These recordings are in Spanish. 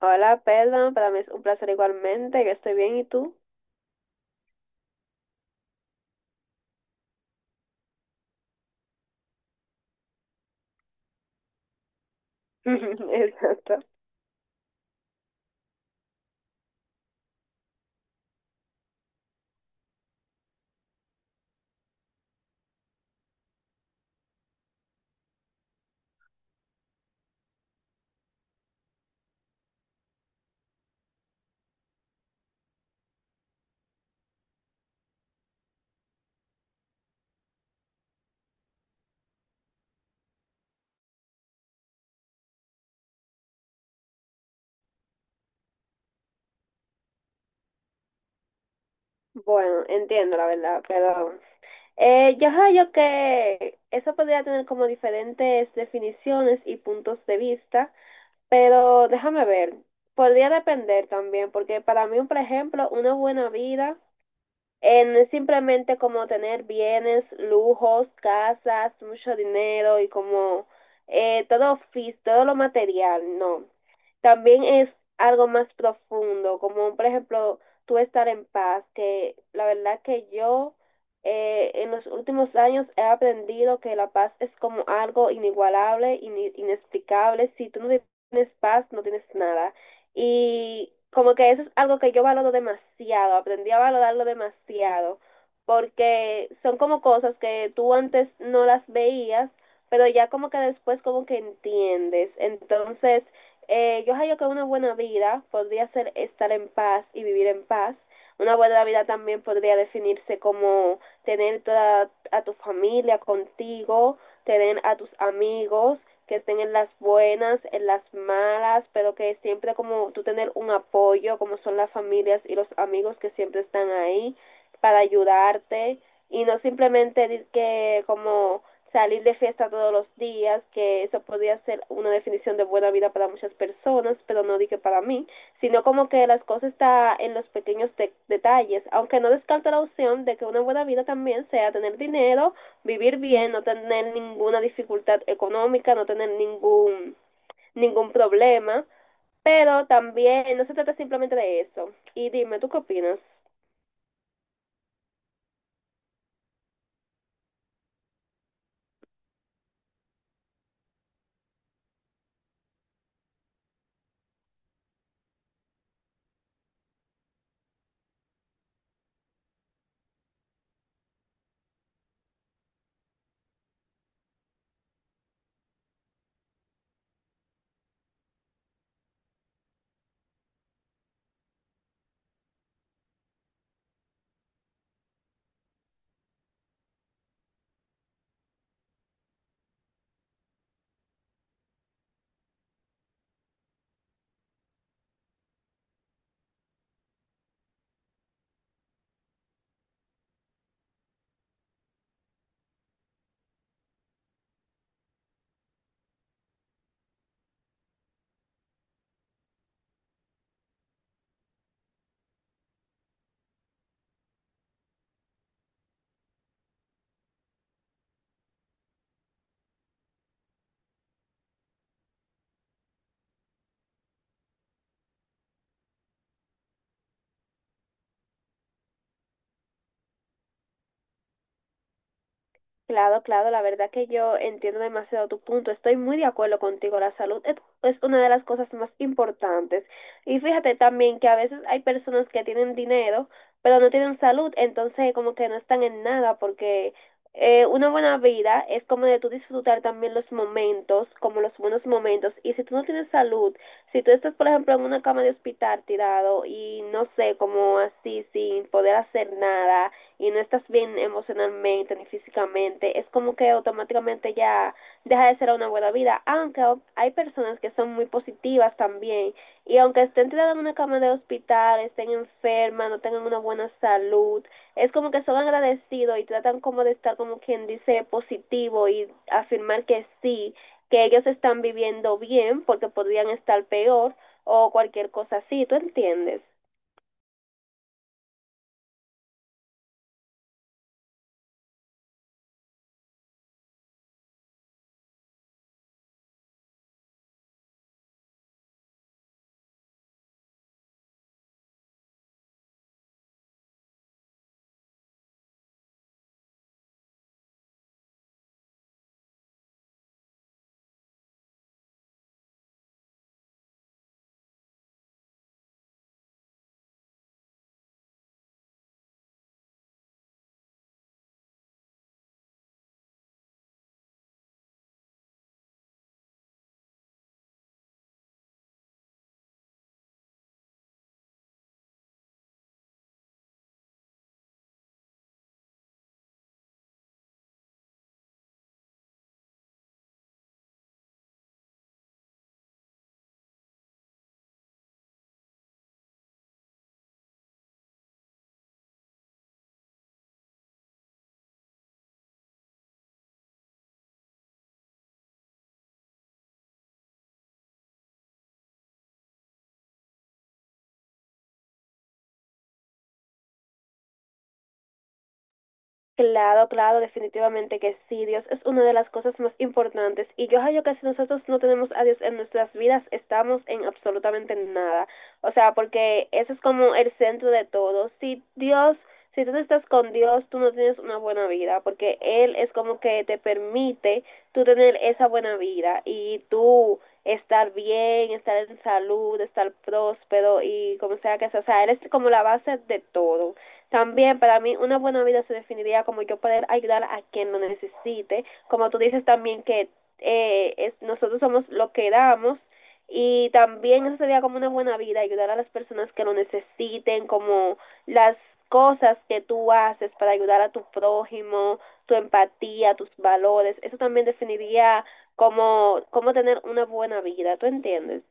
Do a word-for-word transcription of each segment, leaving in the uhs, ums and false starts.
Hola, perdón, para mí es un placer igualmente, que estoy bien, ¿y tú? Exacto. Bueno, entiendo la verdad, pero eh, yo creo que eso podría tener como diferentes definiciones y puntos de vista, pero déjame ver, podría depender también, porque para mí, por ejemplo, una buena vida eh, no es simplemente como tener bienes, lujos, casas, mucho dinero y como eh, todo, fis- todo lo material, no. También es algo más profundo, como por ejemplo tú estar en paz, que la verdad que yo eh, en los últimos años he aprendido que la paz es como algo inigualable, ini- inexplicable. Si tú no tienes paz, no tienes nada. Y como que eso es algo que yo valoro demasiado, aprendí a valorarlo demasiado, porque son como cosas que tú antes no las veías, pero ya como que después como que entiendes. Entonces... Eh, yo hallo que una buena vida podría ser estar en paz y vivir en paz. Una buena vida también podría definirse como tener toda a tu familia contigo, tener a tus amigos que estén en las buenas, en las malas, pero que siempre como tú tener un apoyo, como son las familias y los amigos que siempre están ahí para ayudarte, y no simplemente que como salir de fiesta todos los días, que eso podría ser una definición de buena vida para muchas personas, pero no dije para mí, sino como que las cosas está en los pequeños de detalles, aunque no descarto la opción de que una buena vida también sea tener dinero, vivir bien, no tener ninguna dificultad económica, no tener ningún ningún problema, pero también no se trata simplemente de eso. Y dime, ¿tú qué opinas? Claro, claro, la verdad que yo entiendo demasiado tu punto. Estoy muy de acuerdo contigo. La salud es es una de las cosas más importantes. Y fíjate también que a veces hay personas que tienen dinero, pero no tienen salud, entonces como que no están en nada, porque eh, una buena vida es como de tú disfrutar también los momentos, como los buenos momentos. Y si tú no tienes salud, si tú estás, por ejemplo, en una cama de hospital tirado y no sé, como así, sin poder hacer nada y no estás bien emocionalmente ni físicamente, es como que automáticamente ya deja de ser una buena vida, aunque hay personas que son muy positivas también y aunque estén tiradas en una cama de hospital, estén enfermas, no tengan una buena salud, es como que son agradecidos y tratan como de estar como quien dice positivo y afirmar que sí, que ellos están viviendo bien porque podrían estar peor o cualquier cosa así, ¿tú entiendes? Claro, claro, definitivamente que sí. Dios es una de las cosas más importantes. Y yo hallo que si nosotros no tenemos a Dios en nuestras vidas, estamos en absolutamente nada. O sea, porque eso es como el centro de todo. Si Dios, si tú no estás con Dios, tú no tienes una buena vida, porque Él es como que te permite tú tener esa buena vida y tú estar bien, estar en salud, estar próspero y como sea que sea. O sea, Él es como la base de todo. También para mí una buena vida se definiría como yo poder ayudar a quien lo necesite, como tú dices también que eh, es, nosotros somos lo que damos y también eso sería como una buena vida, ayudar a las personas que lo necesiten, como las cosas que tú haces para ayudar a tu prójimo, tu empatía, tus valores, eso también definiría como, como tener una buena vida, ¿tú entiendes?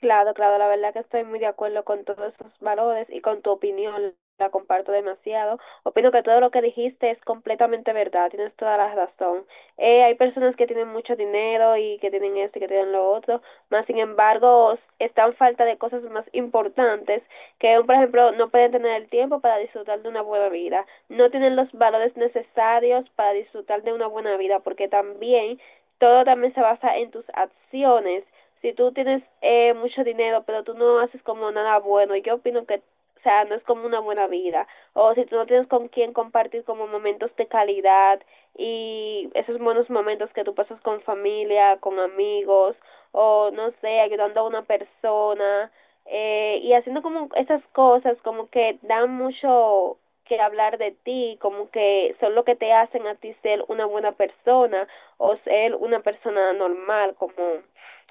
Claro, claro, la verdad que estoy muy de acuerdo con todos esos valores y con tu opinión, la comparto demasiado. Opino que todo lo que dijiste es completamente verdad, tienes toda la razón. Eh, hay personas que tienen mucho dinero y que tienen esto y que tienen lo otro, más sin embargo s- están falta de cosas más importantes que, por ejemplo, no pueden tener el tiempo para disfrutar de una buena vida, no tienen los valores necesarios para disfrutar de una buena vida, porque también todo también se basa en tus acciones si tú tienes eh, mucho dinero, pero tú no haces como nada bueno, yo opino que, o sea, no es como una buena vida. O si tú no tienes con quién compartir como momentos de calidad y esos buenos momentos que tú pasas con familia, con amigos, o no sé, ayudando a una persona, eh, y haciendo como esas cosas como que dan mucho que hablar de ti, como que son lo que te hacen a ti ser una buena persona o ser una persona normal, como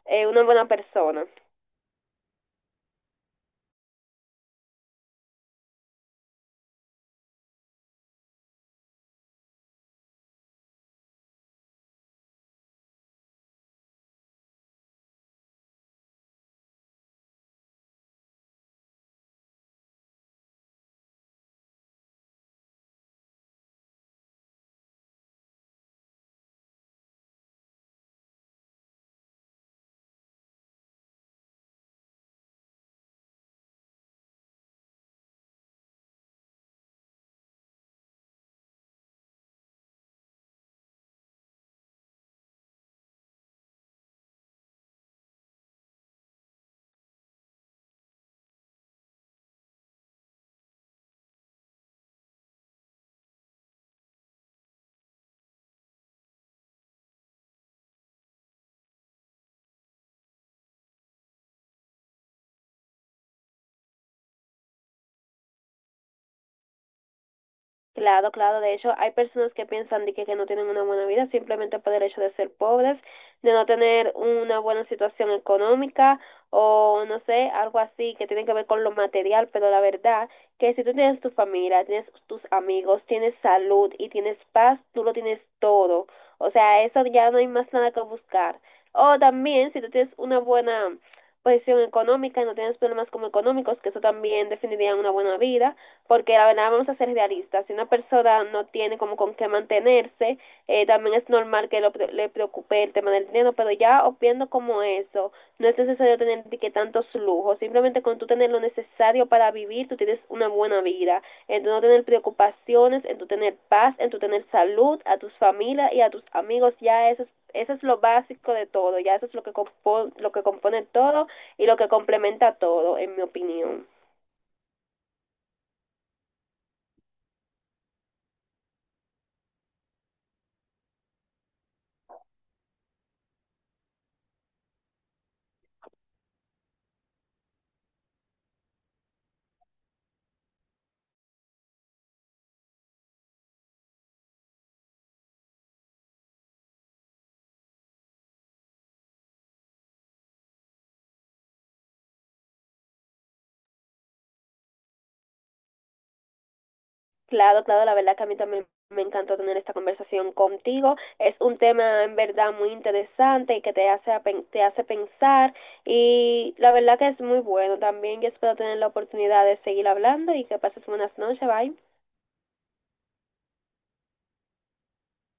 eh, una buena persona. Claro, claro, de hecho hay personas que piensan de que, que no tienen una buena vida simplemente por el hecho de ser pobres, de no tener una buena situación económica o no sé, algo así que tiene que ver con lo material, pero la verdad que si tú tienes tu familia, tienes tus amigos, tienes salud y tienes paz, tú lo tienes todo. O sea, eso ya no hay más nada que buscar. O también si tú tienes una buena posición económica y no tienes problemas como económicos, que eso también definiría una buena vida, porque la verdad vamos a ser realistas, si una persona no tiene como con qué mantenerse, eh, también es normal que lo, le preocupe el tema del dinero, pero ya obviando como eso, no es necesario tener que tantos lujos, simplemente con tú tener lo necesario para vivir, tú tienes una buena vida, en tu no tener preocupaciones, en tu tener paz, en tu tener salud, a tus familias y a tus amigos, ya eso es eso es lo básico de todo, ya eso es lo que, compo lo que compone todo y lo que complementa todo, en mi opinión. Claro, claro, la verdad que a mí también me encantó tener esta conversación contigo. Es un tema en verdad muy interesante y que te hace, a pen- te hace pensar y la verdad que es muy bueno también. Yo espero tener la oportunidad de seguir hablando y que pases buenas noches. Bye.